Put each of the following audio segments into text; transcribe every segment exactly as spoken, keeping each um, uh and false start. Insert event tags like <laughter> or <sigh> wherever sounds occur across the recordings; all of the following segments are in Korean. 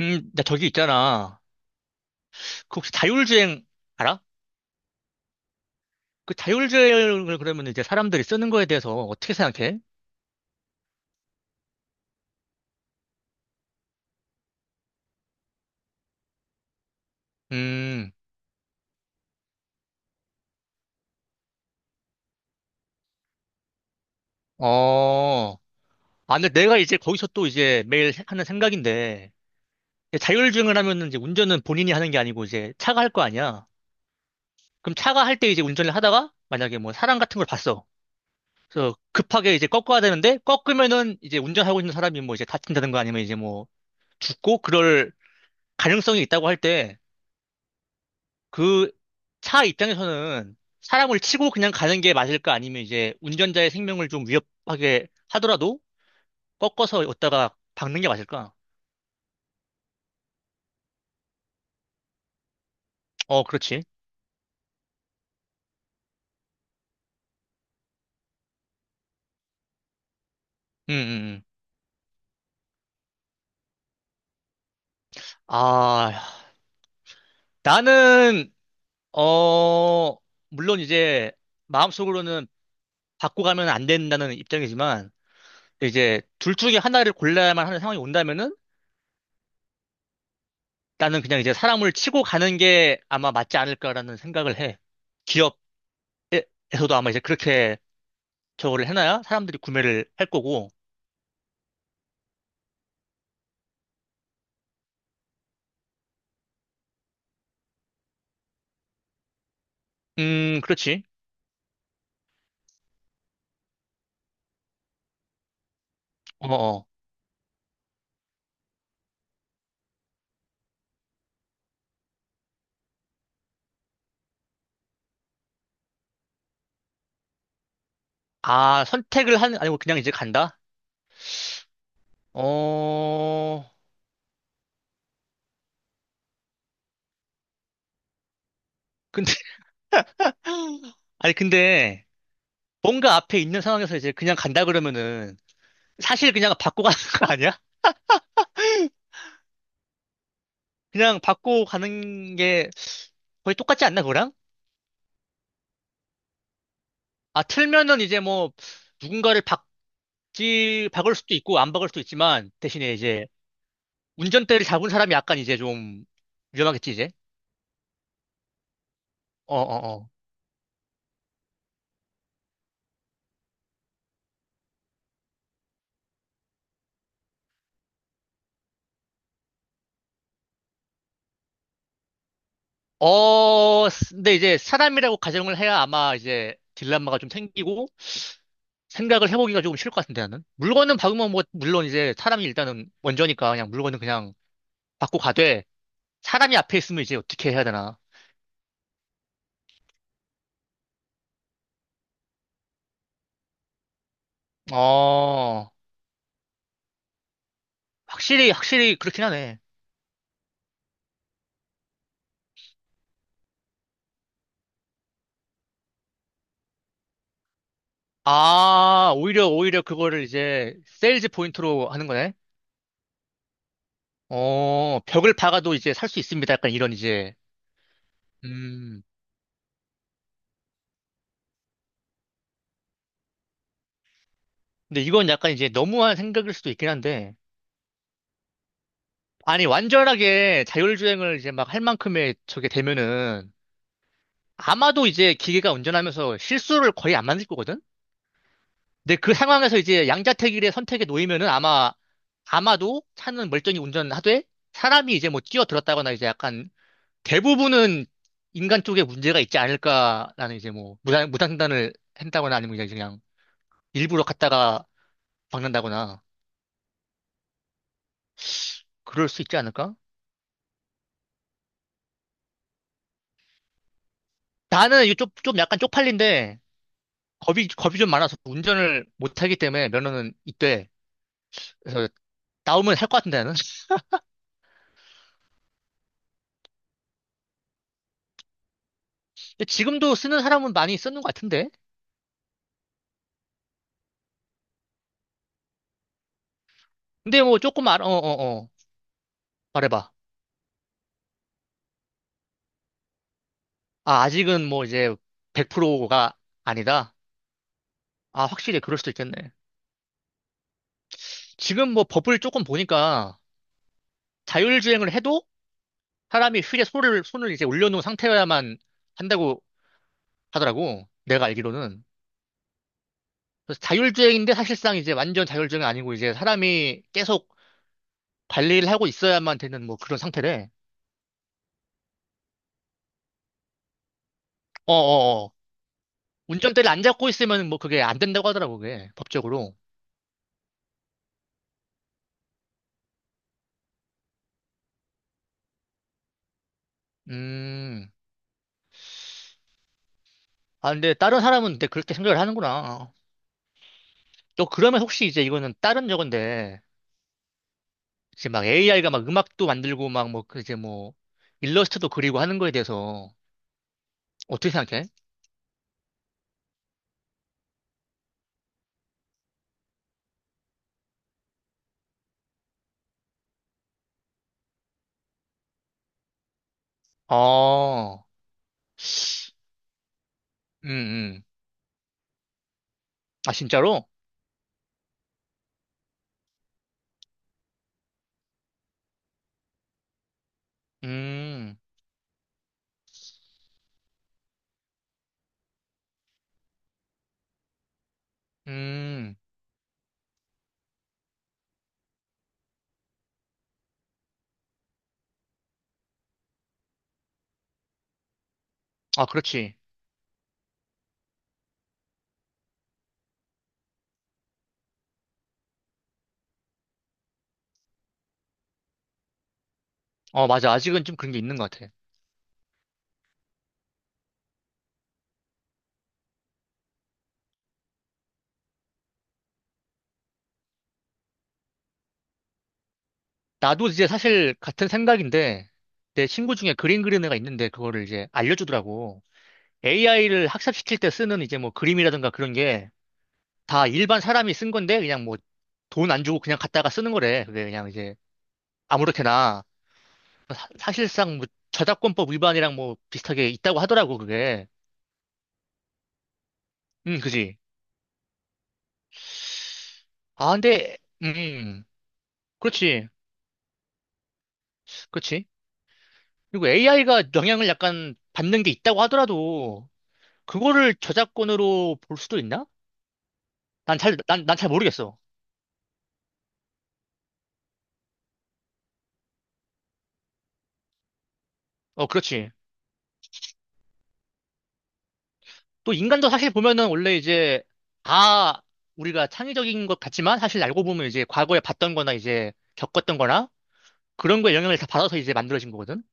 음, 나 저기 있잖아. 그 혹시 자율주행 알아? 그 자율주행을 그러면 이제 사람들이 쓰는 거에 대해서 어떻게 생각해? 음. 어. 아, 근데 내가 이제 거기서 또 이제 매일 해- 하는 생각인데, 이제 자율주행을 하면은 이제 운전은 본인이 하는 게 아니고 이제 차가 할 거 아니야. 그럼 차가 할 때 이제 운전을 하다가 만약에 뭐 사람 같은 걸 봤어. 그래서 급하게 이제 꺾어야 되는데, 꺾으면은 이제 운전하고 있는 사람이 뭐 이제 다친다든가 아니면 이제 뭐 죽고 그럴 가능성이 있다고 할 때, 그 차 입장에서는 사람을 치고 그냥 가는 게 맞을까? 아니면 이제 운전자의 생명을 좀 위협하게 하더라도 꺾어서 왔다가 박는 게 맞을까? 어, 그렇지. 음, 음, 음. 아, 나는, 어, 물론 이제 마음속으로는 받고 가면 안 된다는 입장이지만, 이제 둘 중에 하나를 골라야만 하는 상황이 온다면은 나는 그냥 이제 사람을 치고 가는 게 아마 맞지 않을까라는 생각을 해. 기업에서도 아마 이제 그렇게 저거를 해놔야 사람들이 구매를 할 거고. 음, 그렇지. 어, 어. 아, 선택을 하는, 아니고 그냥 이제 간다? 어, 근데, <laughs> 아니, 근데, 뭔가 앞에 있는 상황에서 이제 그냥 간다 그러면은, 사실 그냥 받고 가는 <laughs> 거 아니야? 그냥 받고 가는 게 거의 똑같지 않나, 그거랑? 아, 틀면은 이제 뭐, 누군가를 박지, 박을 수도 있고, 안 박을 수도 있지만, 대신에 이제, 운전대를 잡은 사람이 약간 이제 좀, 위험하겠지, 이제? 어어어. 어, 근데 이제 사람이라고 가정을 해야 아마 이제 딜레마가 좀 생기고 생각을 해보기가 조금 쉬울 것 같은데 나는. 물건은 박으면 뭐, 물론 이제 사람이 일단은 원조니까 그냥 물건은 그냥 받고 가되 사람이 앞에 있으면 이제 어떻게 해야 되나. 어, 확실히, 확실히 그렇긴 하네. 아, 오히려, 오히려 그거를 이제 세일즈 포인트로 하는 거네. 어, 벽을 박아도 이제 살 수 있습니다. 약간 이런 이제. 음. 근데 이건 약간 이제 너무한 생각일 수도 있긴 한데. 아니, 완전하게 자율주행을 이제 막 할 만큼의 저게 되면은 아마도 이제 기계가 운전하면서 실수를 거의 안 만들 거거든? 근데 그 상황에서 이제 양자택일의 선택에 놓이면은 아마, 아마도 차는 멀쩡히 운전하되 사람이 이제 뭐 뛰어들었다거나 이제 약간 대부분은 인간 쪽에 문제가 있지 않을까라는 이제 뭐 무단, 무단횡단을 한다거나 아니면 그냥 그냥 일부러 갔다가 박는다거나 그럴 수 있지 않을까? 나는 이거 좀, 좀 약간 쪽팔린데 겁이, 겁이 좀 많아서 운전을 못하기 때문에 면허는 있대. 그래서 나오면 할 것 같은데, 나는. 근데 지금도 쓰는 사람은 많이 쓰는 것 같은데? 근데 뭐 조금 알, 어, 어, 어. 말해봐. 아, 아직은 뭐 이제 백 퍼센트가 아니다? 아, 확실히 그럴 수도 있겠네. 지금 뭐 법을 조금 보니까 자율주행을 해도 사람이 휠에 손을, 손을 이제 올려놓은 상태여야만 한다고 하더라고. 내가 알기로는. 그래서 자율주행인데 사실상 이제 완전 자율주행은 아니고 이제 사람이 계속 관리를 하고 있어야만 되는 뭐 그런 상태래. 어어어. 운전대를 안 잡고 있으면 뭐 그게 안 된다고 하더라고, 그게. 법적으로. 음. 아, 근데 다른 사람은 근데 그렇게 생각을 하는구나. 너 그러면 혹시 이제 이거는 다른 저건데, 이제 막 에이아이가 막 음악도 만들고 막 뭐, 그 이제 뭐, 일러스트도 그리고 하는 거에 대해서 어떻게 생각해? 어, 음, 음. 아, 진짜로? 음, 음. 아, 그렇지. 어, 맞아. 아직은 좀 그런 게 있는 것 같아. 나도 이제 사실 같은 생각인데, 내 친구 중에 그림 그리는 애가 있는데, 그거를 이제 알려주더라고. 에이아이를 학습시킬 때 쓰는 이제 뭐 그림이라든가 그런 게 다 일반 사람이 쓴 건데, 그냥 뭐 돈 안 주고 그냥 갖다가 쓰는 거래. 그게 그냥 이제 아무렇게나. 사- 사실상 뭐 저작권법 위반이랑 뭐 비슷하게 있다고 하더라고, 그게. 음, 그지. 아, 근데, 음, 그렇지. 그렇지. 그리고 에이아이가 영향을 약간 받는 게 있다고 하더라도, 그거를 저작권으로 볼 수도 있나? 난 잘, 난, 난 잘 모르겠어. 어, 그렇지. 또 인간도 사실 보면은 원래 이제 다 우리가 창의적인 것 같지만 사실 알고 보면 이제 과거에 봤던 거나 이제 겪었던 거나 그런 거에 영향을 다 받아서 이제 만들어진 거거든.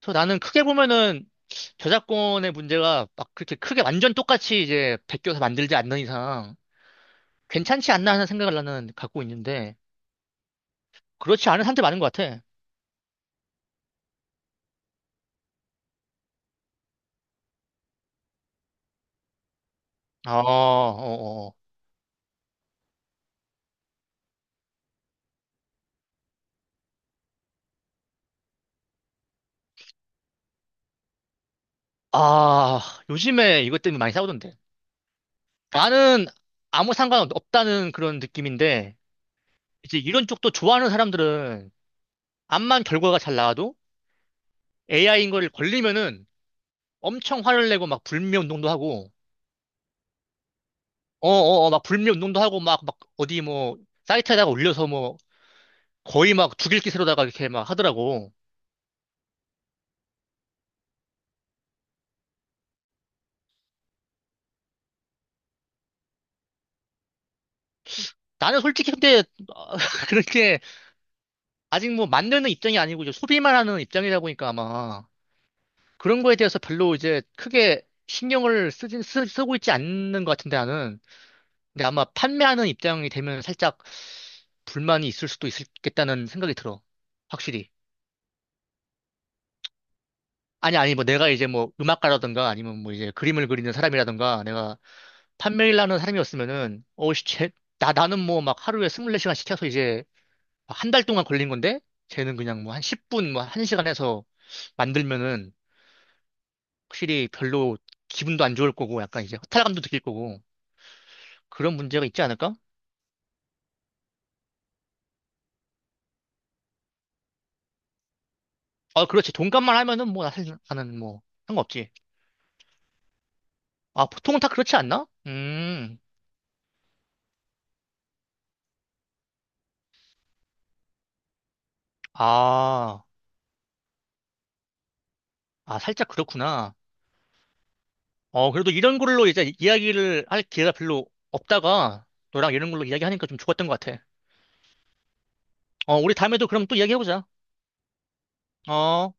그래서 나는 크게 보면은 저작권의 문제가 막 그렇게 크게 완전 똑같이 이제 베껴서 만들지 않는 이상 괜찮지 않나 하는 생각을 나는 갖고 있는데 그렇지 않은 사람들 많은 것 같아. 아, 어, 어, 어. 아, 요즘에 이것 때문에 많이 싸우던데. 나는 아무 상관없다는 그런 느낌인데, 이제 이런 쪽도 좋아하는 사람들은 암만 결과가 잘 나와도 에이아이인 걸 걸리면은 엄청 화를 내고 막 불매 운동도 하고, 어어어, 막 불매 운동도 하고 막, 막 어디 뭐 사이트에다가 올려서 뭐 거의 막 죽일 기세로다가 이렇게 막 하더라고. 나는 솔직히 근데 <laughs> 그렇게 아직 뭐 만드는 입장이 아니고 이제 소비만 하는 입장이다 보니까 아마 그런 거에 대해서 별로 이제 크게 신경을 쓰진, 쓰, 쓰고 있지 않는 것 같은데 나는. 근데 아마 판매하는 입장이 되면 살짝 불만이 있을 수도 있겠다는 생각이 들어. 확실히. 아니, 아니, 뭐 내가 이제 뭐 음악가라든가 아니면 뭐 이제 그림을 그리는 사람이라든가 내가 판매를 하는 사람이었으면은, 어, 씨, 쟤, 나, 나는 뭐 막 하루에 스물네 시간 시켜서 이제 한 달 동안 걸린 건데, 쟤는 그냥 뭐 한 십 분, 뭐 한 시간 해서 만들면은 확실히 별로 기분도 안 좋을 거고 약간 이제 허탈감도 느낄 거고 그런 문제가 있지 않을까? 아, 그렇지. 돈값만 하면은 뭐 사실 나는 뭐 상관없지. 아, 보통은 다 그렇지 않나? 음, 아, 아, 살짝 그렇구나. 어, 그래도 이런 걸로 이제 이야기를 할 기회가 별로 없다가 너랑 이런 걸로 이야기하니까 좀 좋았던 것 같아. 어, 우리 다음에도 그럼 또 이야기해보자. 어.